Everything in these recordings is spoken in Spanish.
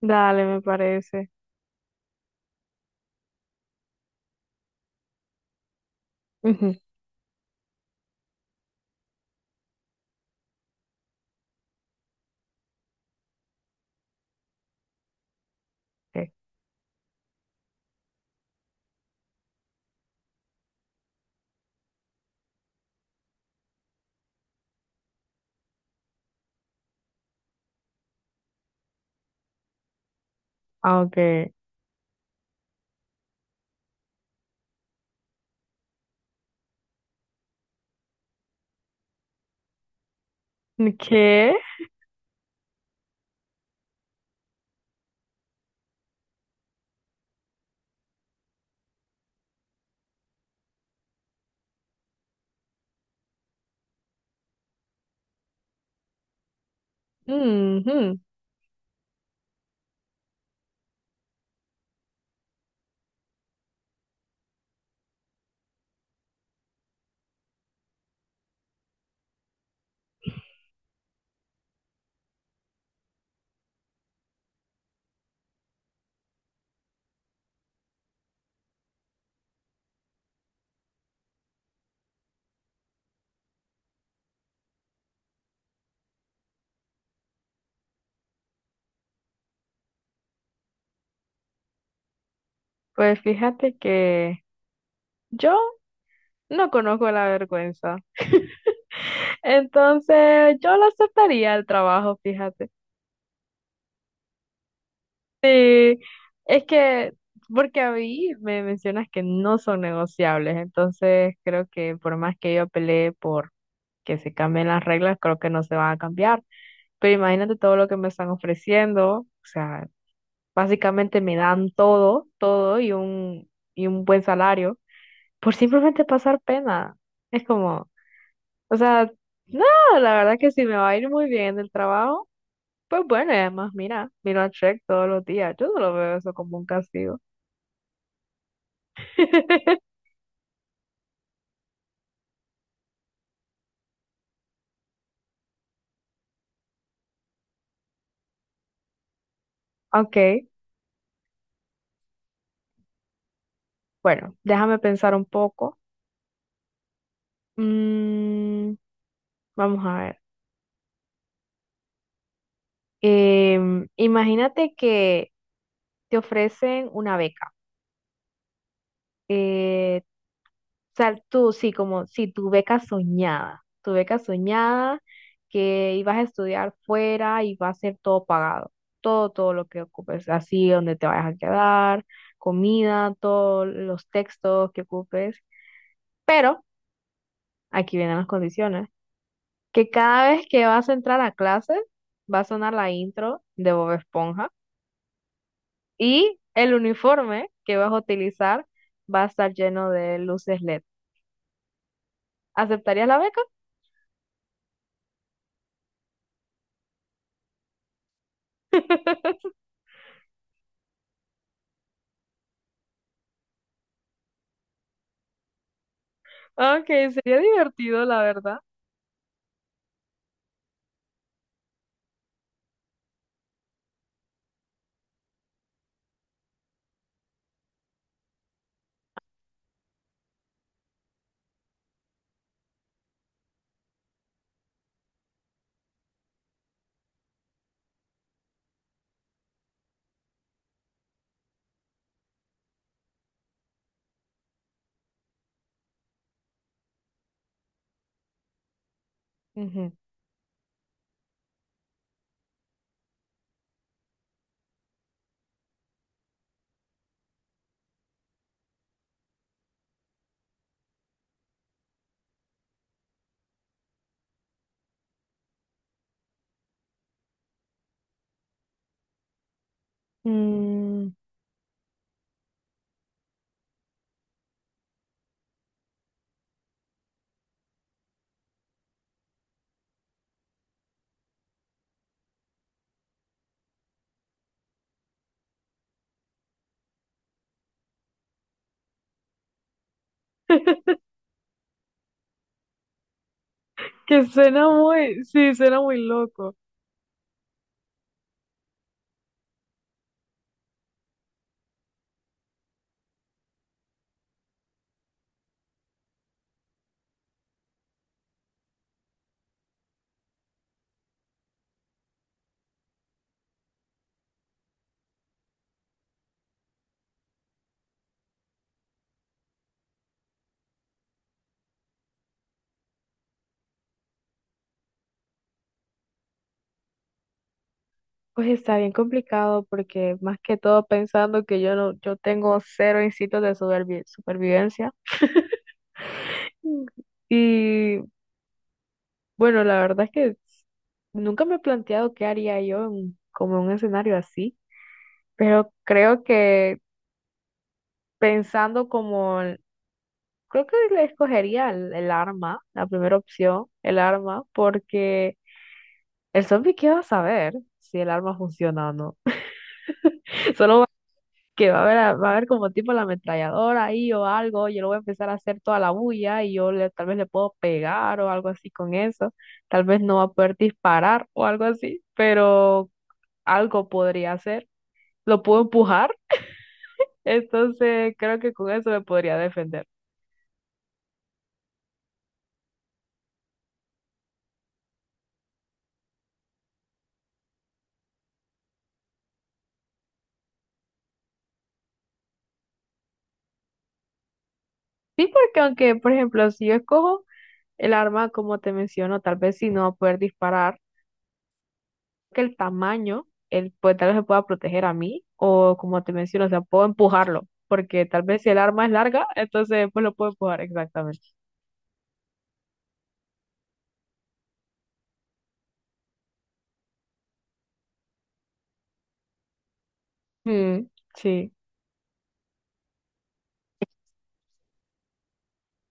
Dale, me parece. Ujú. Ok. Aunque, ¿qué? Ujú. Pues fíjate que yo no conozco la vergüenza. Entonces, yo lo aceptaría el trabajo, fíjate. Sí, es que, porque a mí me mencionas que no son negociables, entonces creo que por más que yo pelee por que se cambien las reglas, creo que no se van a cambiar. Pero imagínate todo lo que me están ofreciendo. O sea, básicamente me dan todo, todo y un buen salario por simplemente pasar pena. Es como, o sea, no, la verdad que si me va a ir muy bien en el trabajo, pues bueno. Y además mira, miro a Shrek todos los días. Yo no lo veo eso como un castigo. Ok, bueno, déjame pensar un poco. Mm, vamos a ver. Imagínate que te ofrecen una beca. Eh, O sea, tú sí, como si tu beca soñada, tu beca soñada que ibas a estudiar fuera y va a ser todo pagado, todo, todo lo que ocupes, así donde te vayas a quedar, comida, todos los textos que ocupes. Pero aquí vienen las condiciones, que cada vez que vas a entrar a clases va a sonar la intro de Bob Esponja y el uniforme que vas a utilizar va a estar lleno de luces LED. ¿Aceptarías la beca? Ok, sería divertido, la verdad. Ujú. Mm. Que suena muy, sí, suena muy loco. Pues está bien complicado porque más que todo pensando que yo no, yo tengo cero instintos de supervivencia. Mm. Y bueno, la verdad es que nunca me he planteado qué haría yo en, como en un escenario así, pero creo que pensando como, el- creo que le escogería el arma, la primera opción, el arma, porque el zombie, ¿qué va a saber si el arma funciona o no? Solo va- que va a ver, va a ver como tipo la ametralladora ahí o algo. Yo lo voy a empezar a hacer toda la bulla y yo le, tal vez le puedo pegar o algo así con eso. Tal vez no va a poder disparar o algo así, pero algo podría hacer. Lo puedo empujar, entonces creo que con eso me podría defender. Sí, porque aunque, por ejemplo, si yo escojo el arma, como te menciono, tal vez si no va a poder disparar. Que el tamaño, él, pues tal vez me pueda proteger a mí, o como te menciono, o sea, puedo empujarlo, porque tal vez si el arma es larga, entonces pues lo puedo empujar exactamente. Mm, sí,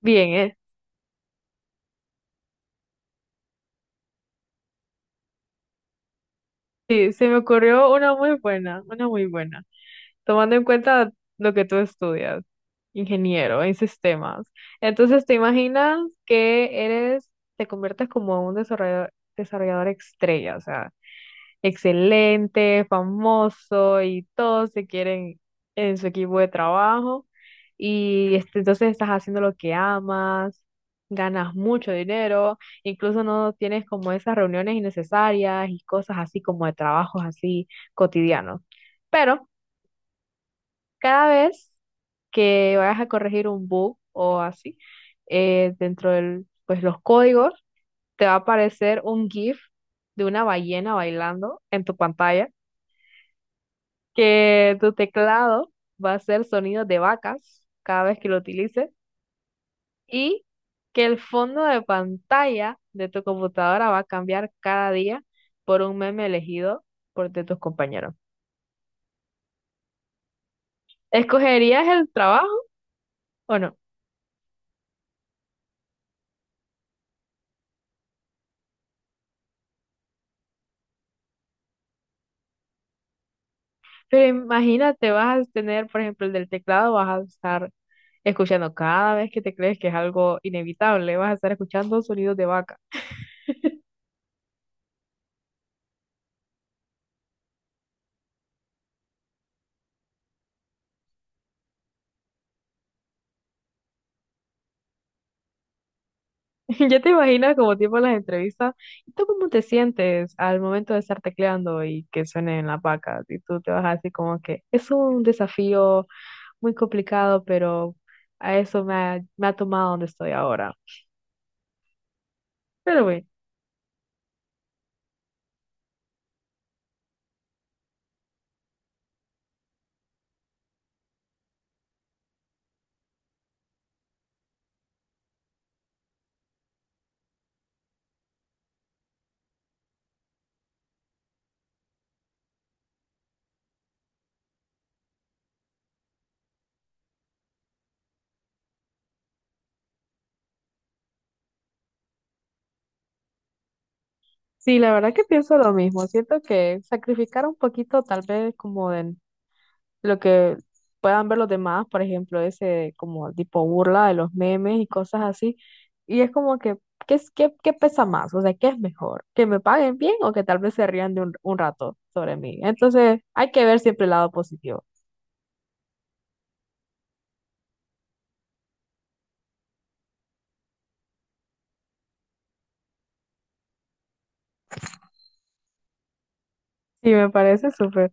bien, ¿eh? Sí, se me ocurrió una muy buena, tomando en cuenta lo que tú estudias, ingeniero en sistemas. Entonces, ¿te imaginas que eres, te conviertes como un desarrollador, desarrollador estrella? O sea, excelente, famoso y todos se quieren en su equipo de trabajo y este, entonces estás haciendo lo que amas, ganas mucho dinero, incluso no tienes como esas reuniones innecesarias y cosas así como de trabajos así cotidianos. Pero cada vez que vayas a corregir un bug o así, dentro de pues, los códigos, te va a aparecer un GIF de una ballena bailando en tu pantalla, que tu teclado va a hacer sonidos de vacas cada vez que lo utilices y que el fondo de pantalla de tu computadora va a cambiar cada día por un meme elegido por de tus compañeros. ¿Escogerías el trabajo o no? Pero imagínate, vas a tener, por ejemplo, el del teclado, vas a estar escuchando cada vez que te crees que es algo inevitable, vas a estar escuchando sonidos de vaca. Ya te imaginas como tipo las entrevistas. ¿Y tú cómo te sientes al momento de estar tecleando y que suene en la paca? Y tú te vas así como que es un desafío muy complicado, pero a eso me ha tomado donde estoy ahora. Pero bueno, sí, la verdad que pienso lo mismo. Siento que sacrificar un poquito tal vez como de lo que puedan ver los demás, por ejemplo, ese como tipo burla de los memes y cosas así. Y es como que, ¿qué, qué, qué pesa más? O sea, ¿qué es mejor? ¿Que me paguen bien o que tal vez se rían de un rato sobre mí? Entonces, hay que ver siempre el lado positivo. Sí, me parece súper.